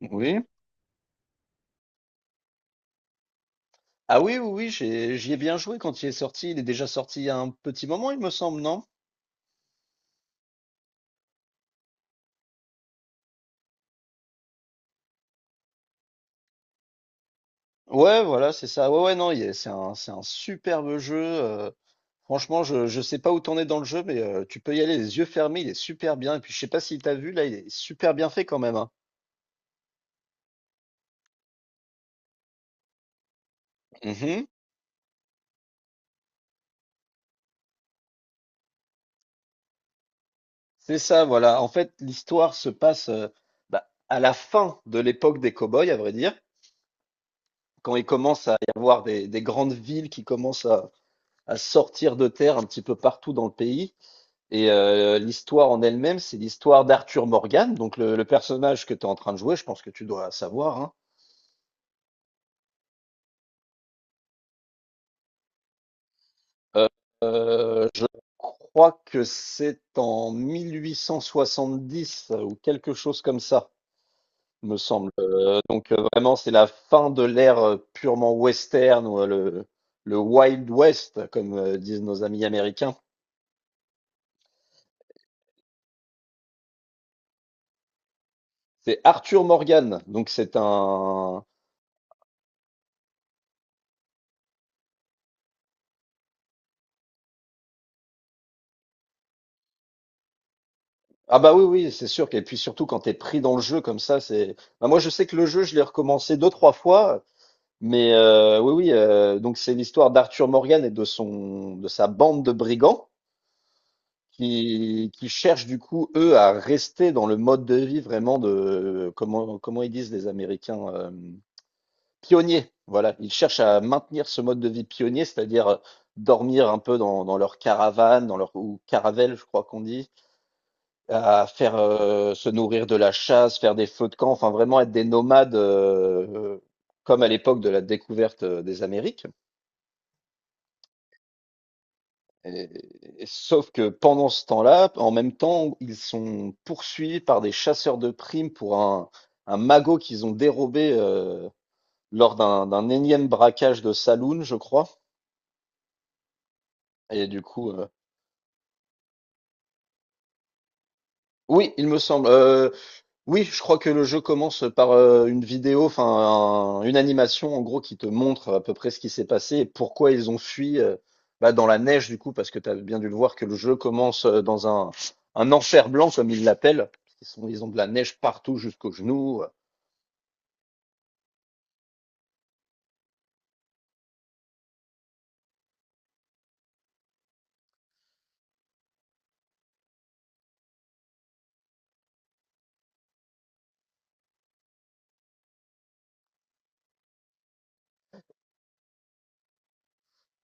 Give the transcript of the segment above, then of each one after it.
Oui. Ah oui, oui, oui, j'y ai bien joué quand il est sorti. Il est déjà sorti il y a un petit moment, il me semble, non? Ouais, voilà, c'est ça. Ouais, ouais, non, c'est un superbe jeu. Franchement, je sais pas où t'en es dans le jeu, mais tu peux y aller les yeux fermés, il est super bien. Et puis, je sais pas si t'as vu, là, il est super bien fait quand même, hein. Mhm. C'est ça, voilà. En fait, l'histoire se passe bah, à la fin de l'époque des cow-boys, à vrai dire, quand il commence à y avoir des grandes villes qui commencent à sortir de terre un petit peu partout dans le pays. Et l'histoire en elle-même, c'est l'histoire d'Arthur Morgan, donc le personnage que tu es en train de jouer, je pense que tu dois savoir, hein. Euh, euh, je crois que c'est en 1870, ou quelque chose comme ça, me semble. Donc vraiment, c'est la fin de l'ère purement western, ou, le Wild West, comme disent nos amis américains. C'est Arthur Morgan, donc ah bah oui, oui, c'est sûr. Et puis surtout quand t'es pris dans le jeu comme ça, c'est. Bah moi je sais que le jeu, je l'ai recommencé deux, trois fois, mais oui, oui. Donc c'est l'histoire d'Arthur Morgan et de sa bande de brigands qui cherchent du coup, eux, à rester dans le mode de vie vraiment de comment ils disent les Américains, pionniers. Voilà. Ils cherchent à maintenir ce mode de vie pionnier, c'est-à-dire dormir un peu dans leur caravane, dans leur ou caravelle, je crois qu'on dit, à faire se nourrir de la chasse, faire des feux de camp, enfin vraiment être des nomades comme à l'époque de la découverte des Amériques. Et- Sauf que pendant ce temps-là, en même temps, ils sont poursuivis par des chasseurs de primes pour un magot qu'ils ont dérobé, lors d'un énième braquage de saloon, je crois. Et du coup, oui, il me semble. Oui, je crois que le jeu commence par, une vidéo, enfin un une animation en gros qui te montre à peu près ce qui s'est passé et pourquoi ils ont fui, bah, dans la neige, du coup, parce que tu as bien dû le voir que le jeu commence, dans un enfer blanc comme ils l'appellent. Ils ont de la neige partout jusqu'aux genoux,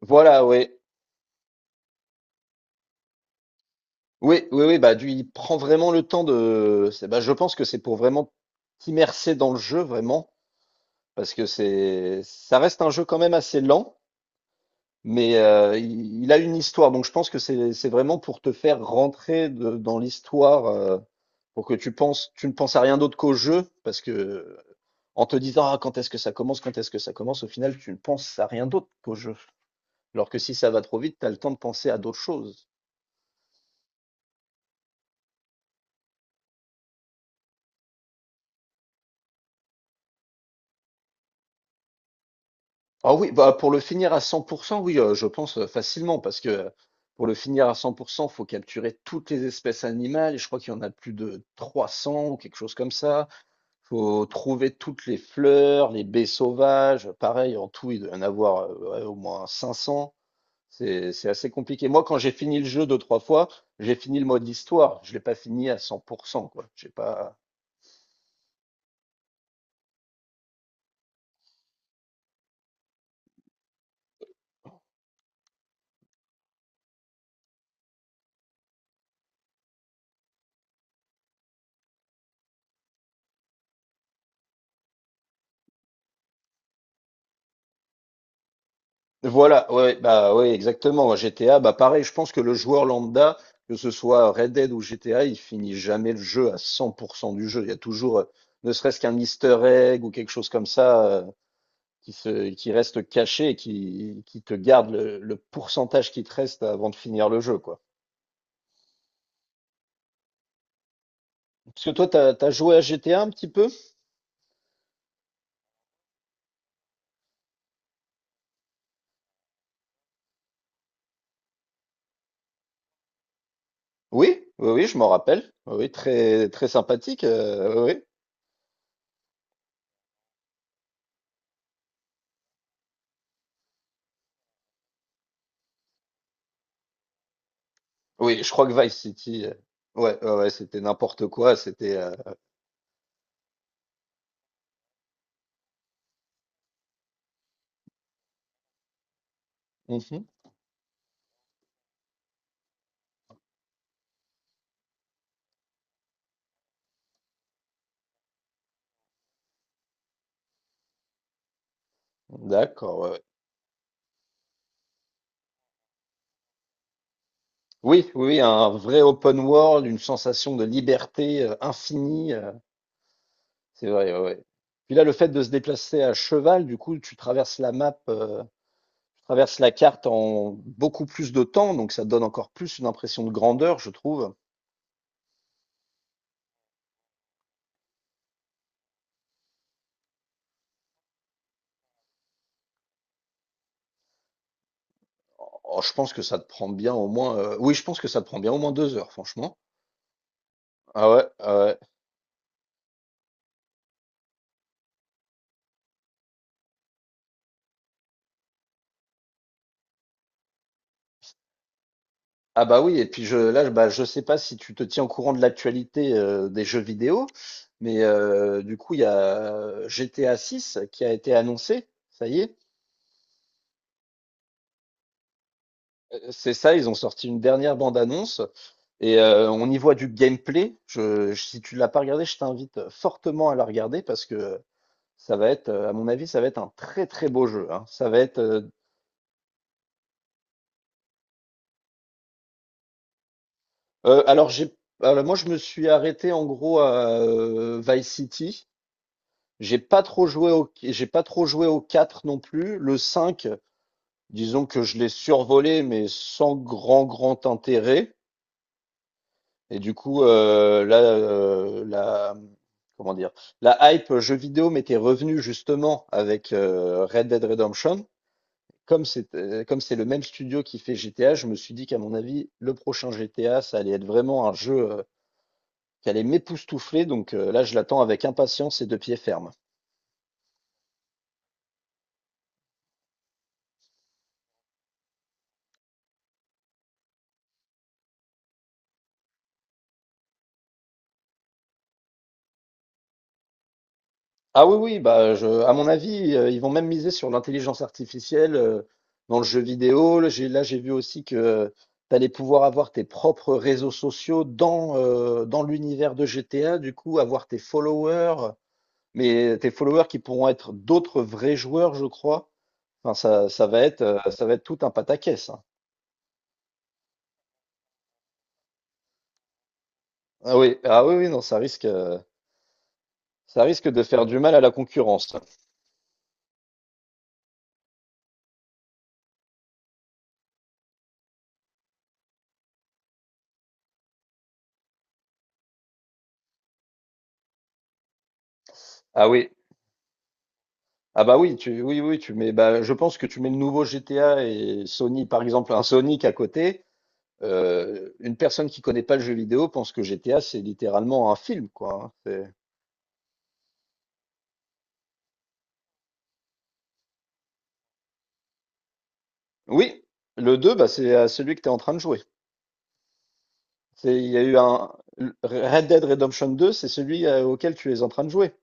voilà, ouais. Oui, oui, oui, bah, du il prend vraiment le temps je pense que c'est pour vraiment t'immerger dans le jeu, vraiment, parce que c'est ça reste un jeu quand même assez lent. Mais il a une histoire, donc je pense que c'est vraiment pour te faire rentrer de dans l'histoire, pour que tu ne penses à rien d'autre qu'au jeu parce que, en te disant: «Ah, quand est-ce que ça commence? Quand est-ce que ça commence?» au final, tu ne penses à rien d'autre qu'au jeu. Alors que si ça va trop vite, tu as le temps de penser à d'autres choses. Ah oui, bah, pour le finir à 100, oui, je pense, facilement, parce que, pour le finir à 100 faut capturer toutes les espèces animales, et je crois qu'il y en a plus de 300 ou quelque chose comme ça. Faut trouver toutes les fleurs, les baies sauvages. Pareil, en tout, il doit y en avoir ouais, au moins 500. C'est assez compliqué. Moi, quand j'ai fini le jeu deux, trois fois, j'ai fini le mode histoire. Je l'ai pas fini à 100%, quoi. J'ai pas. Voilà, ouais, bah ouais, exactement. GTA, bah pareil, je pense que le joueur lambda, que ce soit Red Dead ou GTA, il finit jamais le jeu à 100% du jeu. Il y a toujours, ne serait-ce qu'un Easter egg ou quelque chose comme ça, qui reste caché et qui te garde le pourcentage qui te reste avant de finir le jeu, quoi. Parce que toi, t'as joué à GTA un petit peu? Oui, oui, oui, je m'en rappelle. Oui, oui, très, très sympathique. Oui, oui. Oui, je crois que Vice City, ouais, ouais, ouais, c'était n'importe quoi. C'était. Mhm, d'accord, ouais, ouais. Oui, oui, oui, un vrai open world, une sensation de liberté infinie. C'est vrai. Ouais, ouais. Puis là, le fait de se déplacer à cheval, du coup, tu traverses la map. Traverse la carte en beaucoup plus de temps, donc ça donne encore plus une impression de grandeur, je trouve. Oh, je pense que ça te prend bien au moins, oui, je pense que ça te prend bien au moins 2 heures, franchement. Ah ouais, ah ouais. Ah bah oui, et puis là, bah, je sais pas si tu te tiens au courant de l'actualité, des jeux vidéo, mais du coup, il y a GTA 6 qui a été annoncé, ça y est. C'est ça, ils ont sorti une dernière bande-annonce et on y voit du gameplay. Si tu l'as pas regardé, je t'invite fortement à la regarder, parce que à mon avis, ça va être un très très beau jeu, hein. Ça va être. Alors j'ai, alors moi je me suis arrêté en gros à Vice City. J'ai pas trop joué au 4 non plus. Le 5, disons que je l'ai survolé, mais sans grand grand intérêt. Et du coup, là, comment dire, la hype jeu vidéo m'était revenue justement avec Red Dead Redemption. Comme c'est le même studio qui fait GTA, je me suis dit qu'à mon avis, le prochain GTA, ça allait être vraiment un jeu, qui allait m'époustoufler, donc là, je l'attends avec impatience et de pied ferme. Ah oui, oui, bah, je à mon avis, ils vont même miser sur l'intelligence artificielle, dans le jeu vidéo. Là, j'ai vu aussi que tu allais pouvoir avoir tes propres réseaux sociaux dans, dans l'univers de GTA, du coup, avoir tes followers, mais tes followers qui pourront être d'autres vrais joueurs, je crois. Enfin, ça va être tout un pataquès, hein. Ah oui, ah oui, oui, non, ça risque de faire du mal à la concurrence. Ah oui, ah bah oui, oui, oui, bah, je pense que tu mets le nouveau GTA et Sony, par exemple, un Sonic à côté. Une personne qui connaît pas le jeu vidéo pense que GTA, c'est littéralement un film, quoi, hein. Oui, le deux, bah, c'est celui que tu es en train de jouer. Il y a eu un Red Dead Redemption 2, c'est celui auquel tu es en train de jouer.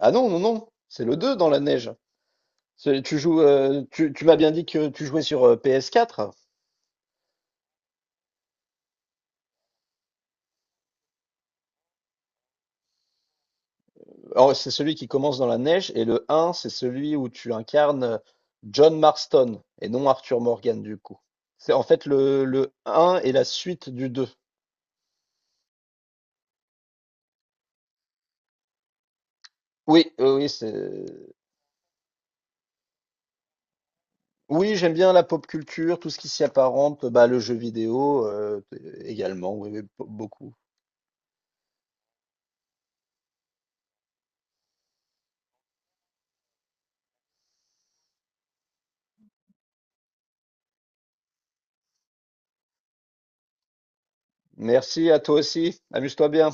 Ah non, non, non, c'est le 2 dans la neige. Tu joues, tu m'as bien dit que tu jouais sur PS4. Alors, c'est celui qui commence dans la neige et le 1, c'est celui où tu incarnes John Marston et non Arthur Morgan, du coup. C'est en fait le 1 et la suite du 2. Oui, oui, c'est. Oui, j'aime bien la pop culture, tout ce qui s'y apparente, bah, le jeu vidéo, également, oui, oui, beaucoup. Merci à toi aussi. Amuse-toi bien.